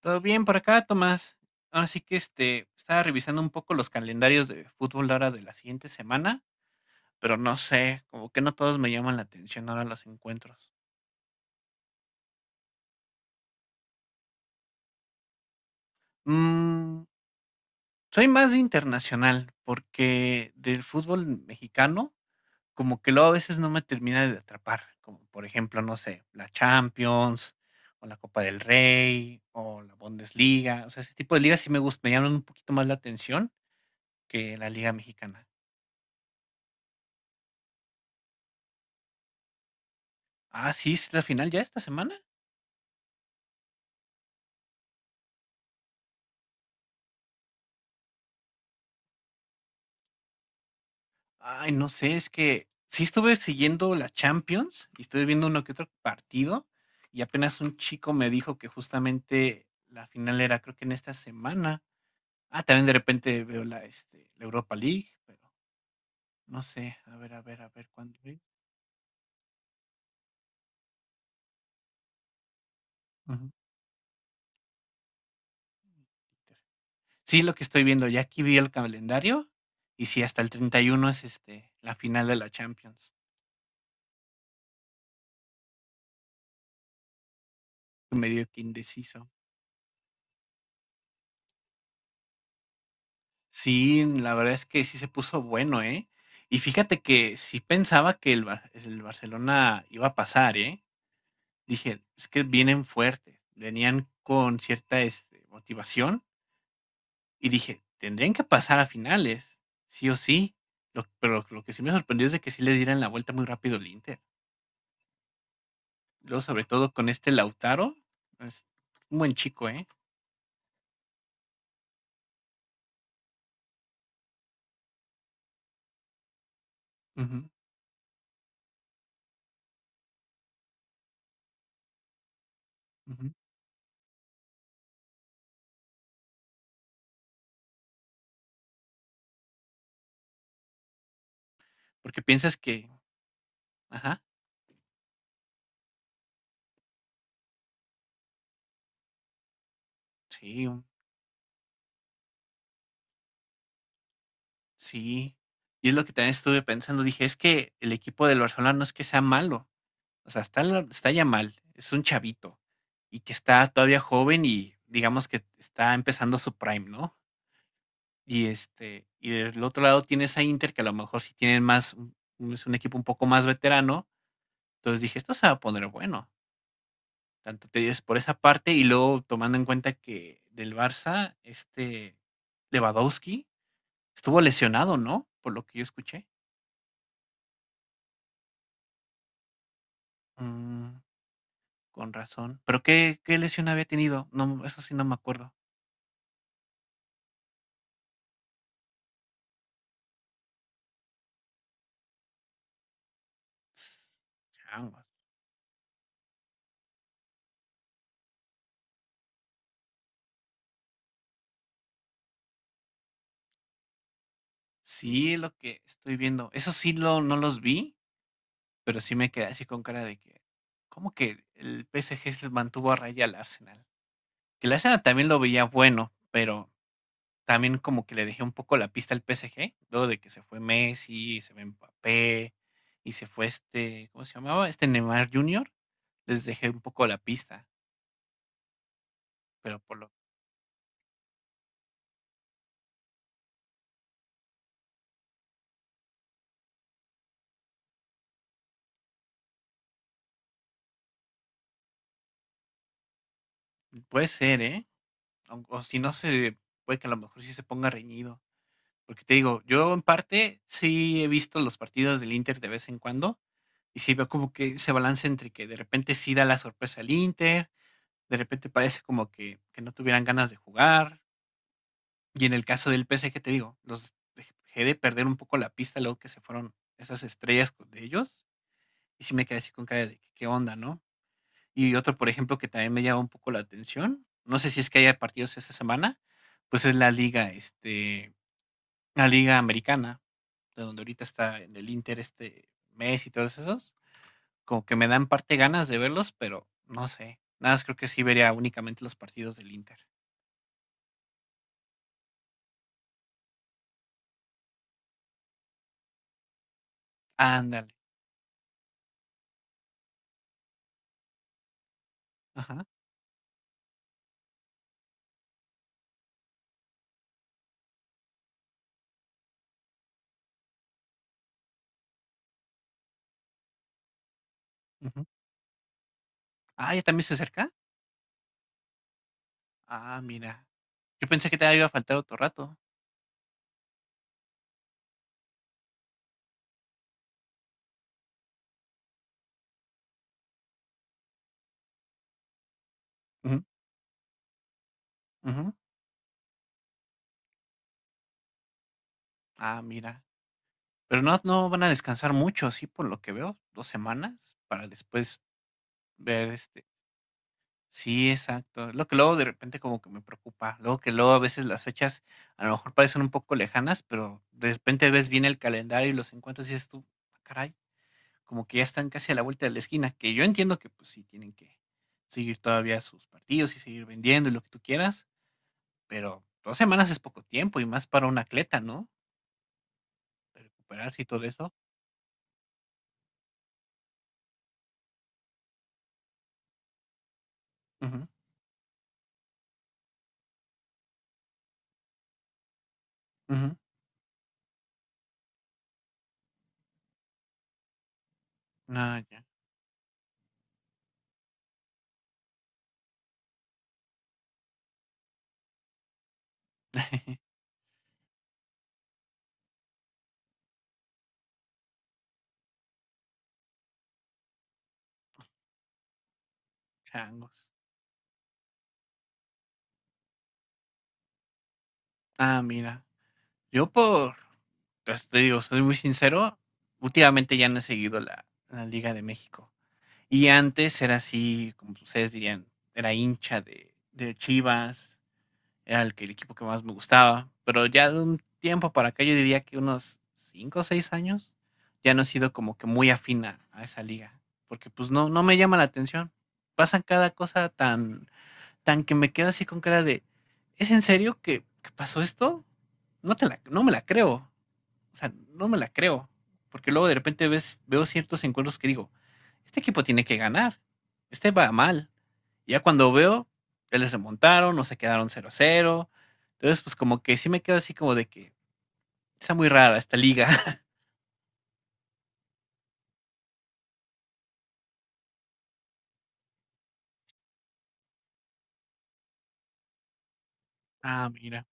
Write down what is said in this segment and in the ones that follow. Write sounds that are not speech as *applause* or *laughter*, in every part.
Todo bien por acá, Tomás. Así que estaba revisando un poco los calendarios de fútbol ahora de la siguiente semana, pero no sé, como que no todos me llaman la atención ahora los encuentros. Mm, Soy más de internacional, porque del fútbol mexicano, como que luego a veces no me termina de atrapar, como por ejemplo, no sé, la Champions, o la Copa del Rey, o la Bundesliga, o sea, ese tipo de ligas sí me llaman un poquito más la atención que la Liga Mexicana. Ah, sí, ¿es la final ya esta semana? Ay, no sé, es que sí estuve siguiendo la Champions y estuve viendo uno que otro partido y apenas un chico me dijo que justamente la final era creo que en esta semana. Ah, también de repente veo la Europa League, pero no sé, a ver, a ver, a ver cuándo es. Ujú. Sí, lo que estoy viendo, ya aquí vi el calendario y sí, hasta el 31 es la final de la Champions. Medio que indeciso. Sí, la verdad es que sí se puso bueno, ¿eh? Y fíjate que sí pensaba que el Barcelona iba a pasar, ¿eh? Dije, es que vienen fuertes, venían con cierta motivación y dije, tendrían que pasar a finales, sí o sí. Pero lo que sí me sorprendió es de que sí les dieran la vuelta muy rápido el Inter. Luego, sobre todo con este Lautaro, es un buen chico, ¿eh? Ujú, ujú. Porque piensas que, ajá, sí, sí, y es lo que también estuve pensando, dije, es que el equipo del Barcelona no es que sea malo, o sea, está ya mal, es un chavito y que está todavía joven y digamos que está empezando su prime, ¿no? Y del otro lado tienes a Inter que a lo mejor sí tienen más, es un equipo un poco más veterano, entonces dije, esto se va a poner bueno, tanto te dices por esa parte y luego tomando en cuenta que del Barça, Lewandowski estuvo lesionado, ¿no? Por lo que yo escuché. Mm. Con razón. ¿Pero qué lesión había tenido? No, eso sí no me acuerdo. Chango. Sí, lo que estoy viendo. Eso sí no los vi, pero sí me quedé así con cara de que, ¿cómo que el PSG se mantuvo a raya al Arsenal? Que el Arsenal también lo veía bueno, pero también como que le dejé un poco la pista al PSG, luego de que se fue Messi, se fue Mbappé, y se fue ¿cómo se llamaba? Este Neymar Jr. Les dejé un poco la pista, pero por lo puede ser, ¿eh? O si no, se puede que a lo mejor sí se ponga reñido. Porque te digo, yo en parte sí he visto los partidos del Inter de vez en cuando. Y sí veo como que se balance entre que de repente sí da la sorpresa al Inter, de repente parece como que no tuvieran ganas de jugar. Y en el caso del PSG, te digo, los dejé de perder un poco la pista luego que se fueron esas estrellas de ellos. Y sí me quedé así con cara de que, qué onda, ¿no? Y otro, por ejemplo, que también me llama un poco la atención, no sé si es que haya partidos esta semana, pues es la liga americana, de donde ahorita está en el Inter este mes y todos esos, como que me dan parte ganas de verlos, pero no sé. Nada más creo que sí vería únicamente los partidos del Inter. Ándale. Ajá. Ujú. Ah, ya también se acerca. Ah, mira. Yo pensé que te iba a faltar otro rato. Ujú, ujú. Ah, mira. Pero no, no van a descansar mucho, sí, por lo que veo, 2 semanas, para después ver, sí, exacto. Lo que luego de repente como que me preocupa. Luego que luego a veces las fechas a lo mejor parecen un poco lejanas, pero de repente ves bien el calendario y los encuentras y dices tú, "Ah, caray, como que ya están casi a la vuelta de la esquina, que yo entiendo que pues sí tienen que seguir todavía sus partidos y seguir vendiendo y lo que tú quieras, pero 2 semanas es poco tiempo y más para un atleta, ¿no? Recuperarse y todo eso. Ujú, ujú. Ah, ya. *laughs* Changos. Ah, mira. Yo por, pues, te digo, soy muy sincero, últimamente ya no he seguido la Liga de México. Y antes era así, como ustedes dirían, era hincha de Chivas, era el equipo que más me gustaba, pero ya de un tiempo para acá, yo diría que unos 5 o 6 años, ya no he sido como que muy afina a esa liga, porque pues no, no me llama la atención. Pasan cada cosa tan, tan que me quedo así con cara de, ¿es en serio que pasó esto? No me la creo, o sea, no me la creo, porque luego de repente ves, veo ciertos encuentros que digo, este equipo tiene que ganar, este va mal. Y ya cuando veo, ya les remontaron, no se quedaron 0 cero Entonces, pues como que sí me quedo así como de que está muy rara esta liga. *laughs* Ah, mira,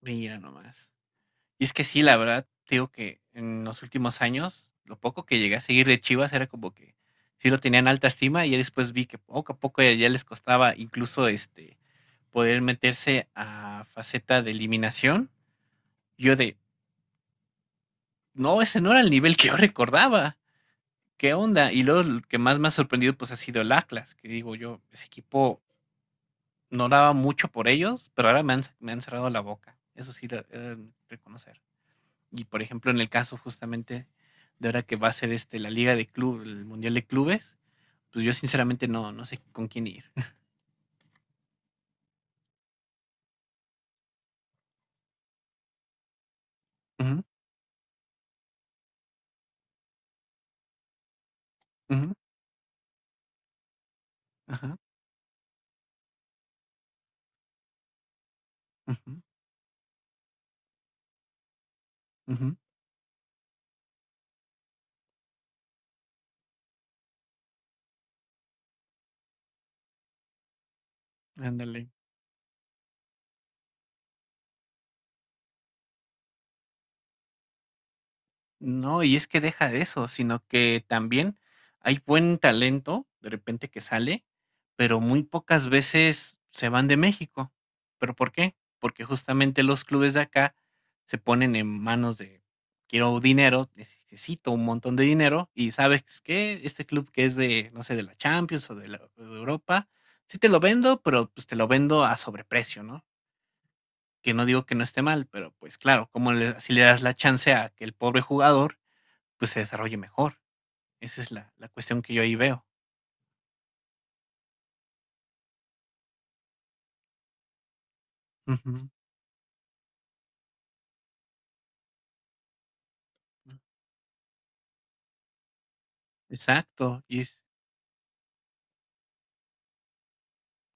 mira nomás. Y es que sí, la verdad, te digo que en los últimos años, lo poco que llegué a seguir de Chivas era como que sí lo tenían alta estima y ya después vi que poco a poco ya, ya les costaba incluso poder meterse a faceta de eliminación. Yo de, no, ese no era el nivel que yo recordaba. ¿Qué onda? Y luego lo que más me ha sorprendido pues ha sido el Atlas, que digo yo, ese equipo no daba mucho por ellos, pero ahora me han cerrado la boca. Eso sí, lo, reconocer. Y por ejemplo, en el caso justamente de ahora que va a ser la Liga de Club, el Mundial de Clubes, pues yo sinceramente no, no sé con quién ir. *laughs* Ujú, ujú, ajá, ujú, ujú, Ándale. Uh -huh, uh -huh, uh -huh, No, y es que deja de eso, sino que también hay buen talento de repente que sale, pero muy pocas veces se van de México. ¿Pero por qué? Porque justamente los clubes de acá se ponen en manos de quiero dinero, necesito un montón de dinero y sabes que este club que es de, no sé, de la Champions o o de Europa, sí te lo vendo, pero pues te lo vendo a sobreprecio, ¿no? Que no digo que no esté mal, pero pues claro, como le, si le das la chance a que el pobre jugador pues, se desarrolle mejor. Esa es la cuestión que yo ahí veo. Ujú. Exacto, y es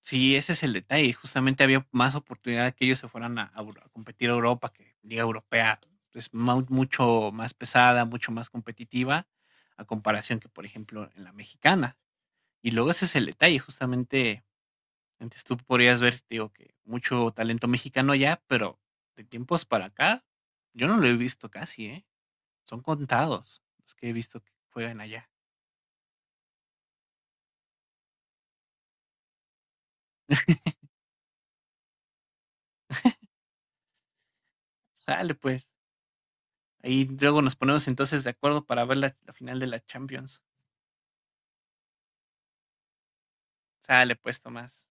sí, ese es el detalle, justamente había más oportunidad de que ellos se fueran a competir a Europa, que liga europea es mau mucho más pesada, mucho más competitiva, a comparación que, por ejemplo, en la mexicana. Y luego ese es el detalle, justamente, antes tú podrías ver, digo, que mucho talento mexicano ya pero de tiempos para acá, yo no lo he visto casi, ¿eh? Son contados los que he visto que juegan allá. Sale pues. Ahí luego nos ponemos entonces de acuerdo para ver la final de la Champions. Sale pues, Tomás.